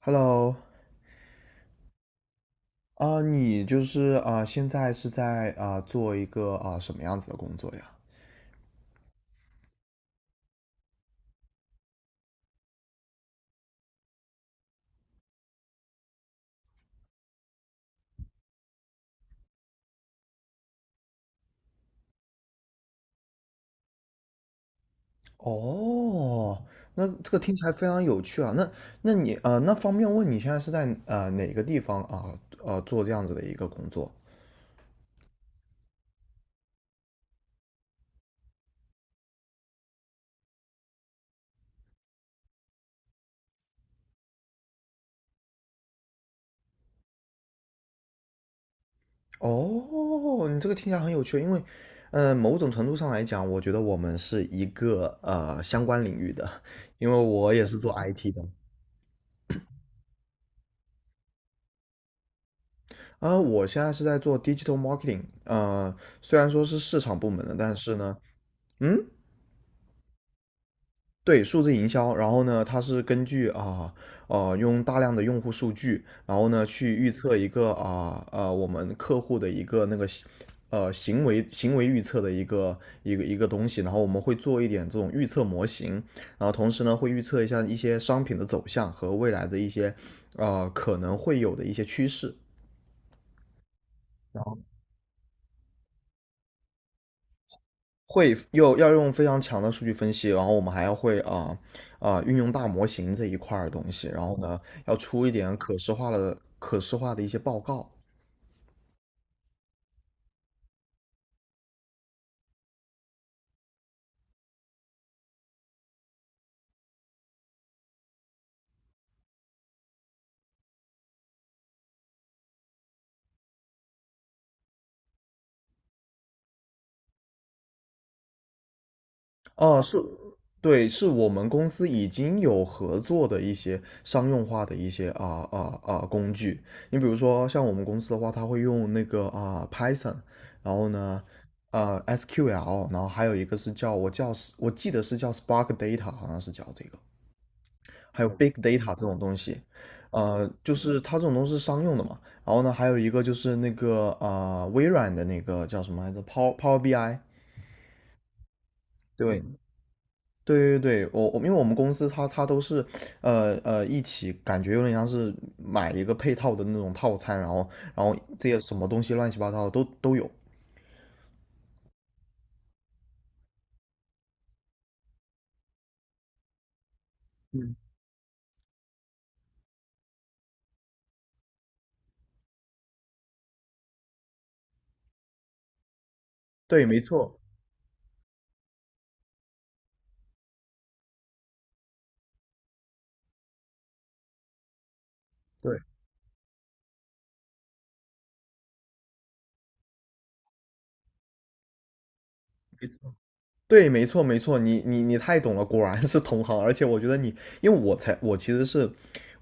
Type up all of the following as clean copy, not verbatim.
Hello，你就是现在是在做一个什么样子的工作呀？哦，那这个听起来非常有趣啊。那你那方便问你现在是在哪个地方做这样子的一个工作？哦，你这个听起来很有趣，因为，某种程度上来讲，我觉得我们是一个相关领域的，因为我也是做 IT 的。我现在是在做 digital marketing，虽然说是市场部门的，但是呢，嗯，对，数字营销，然后呢，它是根据用大量的用户数据，然后呢去预测一个我们客户的一个那个行为预测的一个东西，然后我们会做一点这种预测模型，然后同时呢会预测一下一些商品的走向和未来的一些可能会有的一些趋势。然后。会又要用非常强的数据分析，然后我们还要会运用大模型这一块儿的东西，然后呢要出一点可视化的一些报告。哦、是，对，是我们公司已经有合作的一些商用化的一些工具。你比如说像我们公司的话，它会用那个Python，然后呢。SQL，然后还有一个是叫我叫我记得是叫 Spark Data，好像是叫这个。还有 big data 这种东西，就是它这种东西是商用的嘛。然后呢，还有一个就是那个微软的那个叫什么来着，Power BI。对嗯对对对，我因为我们公司它都是一起，感觉有点像是买一个配套的那种套餐，然后这些什么东西乱七八糟的都有。对，没错，对，没错。对，没错，没错，你太懂了，果然是同行。而且我觉得你，因为我才，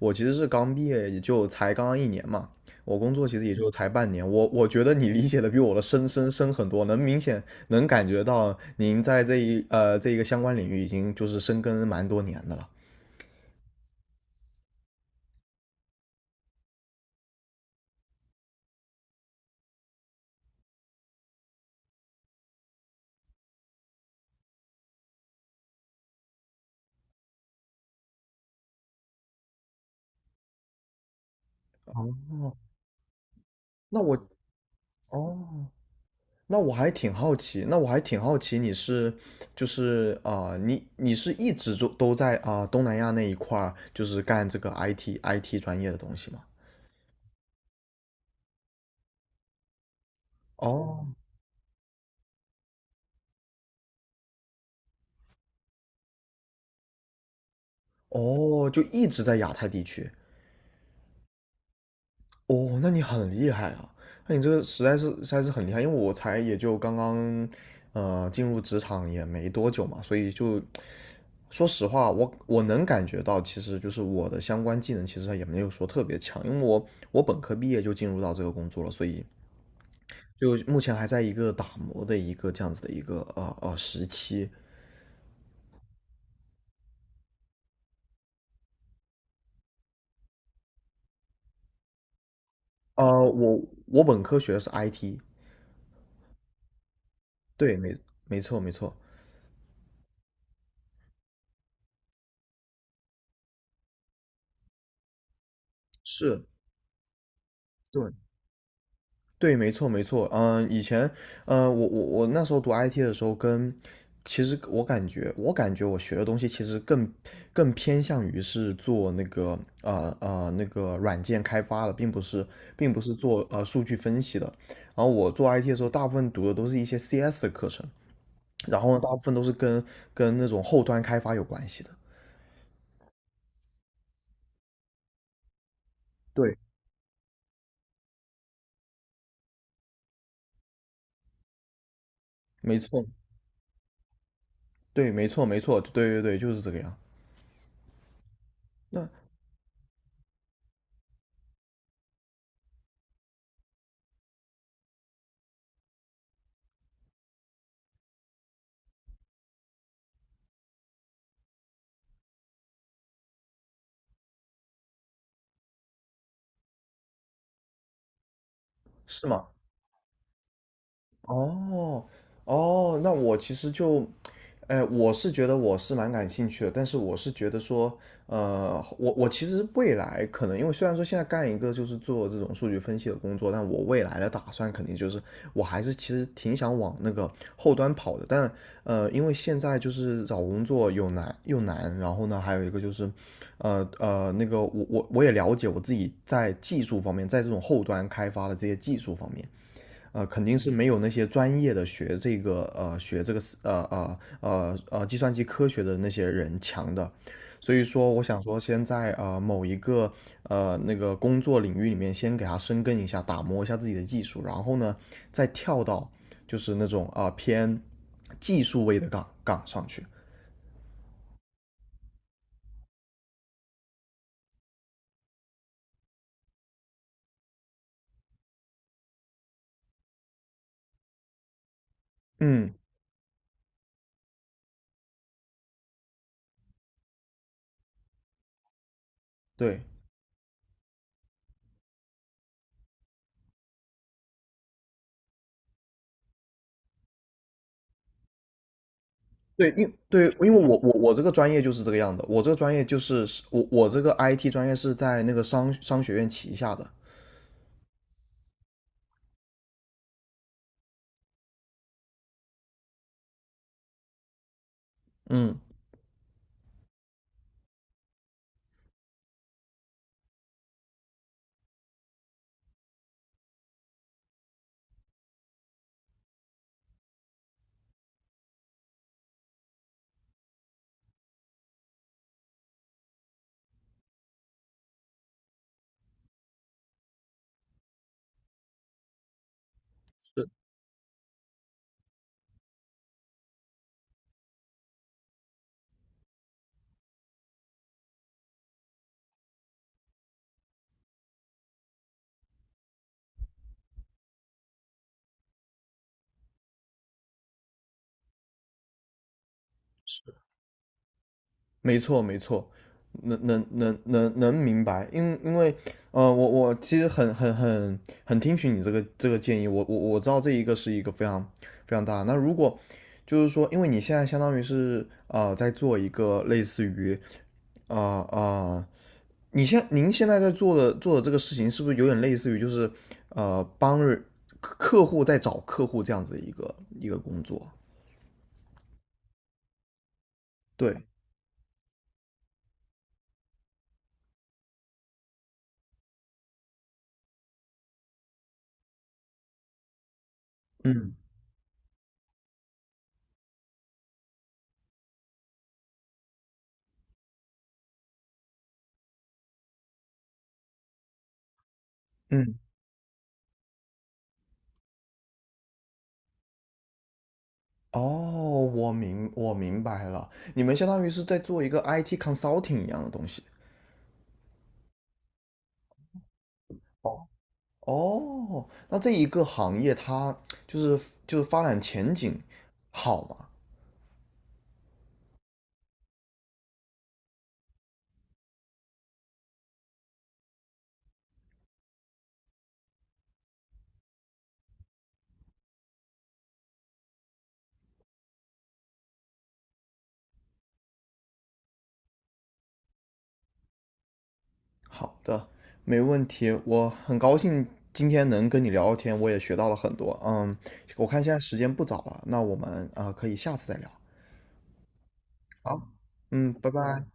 我其实是刚毕业，也就才刚刚一年嘛，我工作其实也就才半年。我觉得你理解的比我的深很多，能明显能感觉到您在这一个相关领域已经就是深耕蛮多年的了。哦，那我哦，那我还挺好奇，就是你是一直都在东南亚那一块儿，就是干这个 IT 专业的东西吗？哦哦，就一直在亚太地区。哦，那你很厉害啊！那你这个实在是很厉害，因为我才也就刚刚，进入职场也没多久嘛，所以就说实话，我能感觉到，其实就是我的相关技能其实也没有说特别强，因为我本科毕业就进入到这个工作了，所以就目前还在一个打磨的一个这样子的一个时期。呃，我我本科学的是 IT，对，没错没错，是，对。对，没错，没错。嗯，以前，我那时候读 IT 的时候跟，其实我感觉，我感觉我学的东西其实更偏向于是做那个那个软件开发的，并不是做数据分析的。然后我做 IT 的时候，大部分读的都是一些 CS 的课程，然后呢，大部分都是跟那种后端开发有关系的。对，没错，对，没错，没错，对对对，就是这个样。那是吗？哦，哦，那我其实就，哎、我是觉得我是蛮感兴趣的，但是我是觉得说，我其实未来可能，因为虽然说现在干一个就是做这种数据分析的工作，但我未来的打算肯定就是，我还是其实挺想往那个后端跑的，但因为现在就是找工作又难又难，然后呢，还有一个就是，那个我也了解我自己在技术方面，在这种后端开发的这些技术方面。肯定是没有那些专业的学这个计算机科学的那些人强的，所以说我想说先在某一个那个工作领域里面先给他深耕一下，打磨一下自己的技术，然后呢再跳到就是那种偏技术位的岗上去。嗯，对。对，对，因为我这个专业就是这个样的，我这个专业就是我这个 IT 专业是在那个商学院旗下的，嗯，没错，没错，能明白，因为我其实很听取你这个建议，我知道这一个是一个非常非常大的。那如果就是说，因为你现在相当于是在做一个类似于啊啊、呃呃，您现在在做的这个事情，是不是有点类似于就是呃帮人客户在找客户这样子的一个工作？对，嗯嗯。哦，我明白了，你们相当于是在做一个 IT consulting 一样的东西。哦，哦，那这一个行业它就是发展前景好吗？好的，没问题。我很高兴今天能跟你聊聊天，我也学到了很多。嗯，我看现在时间不早了，那我们可以下次再聊。好，嗯，拜拜。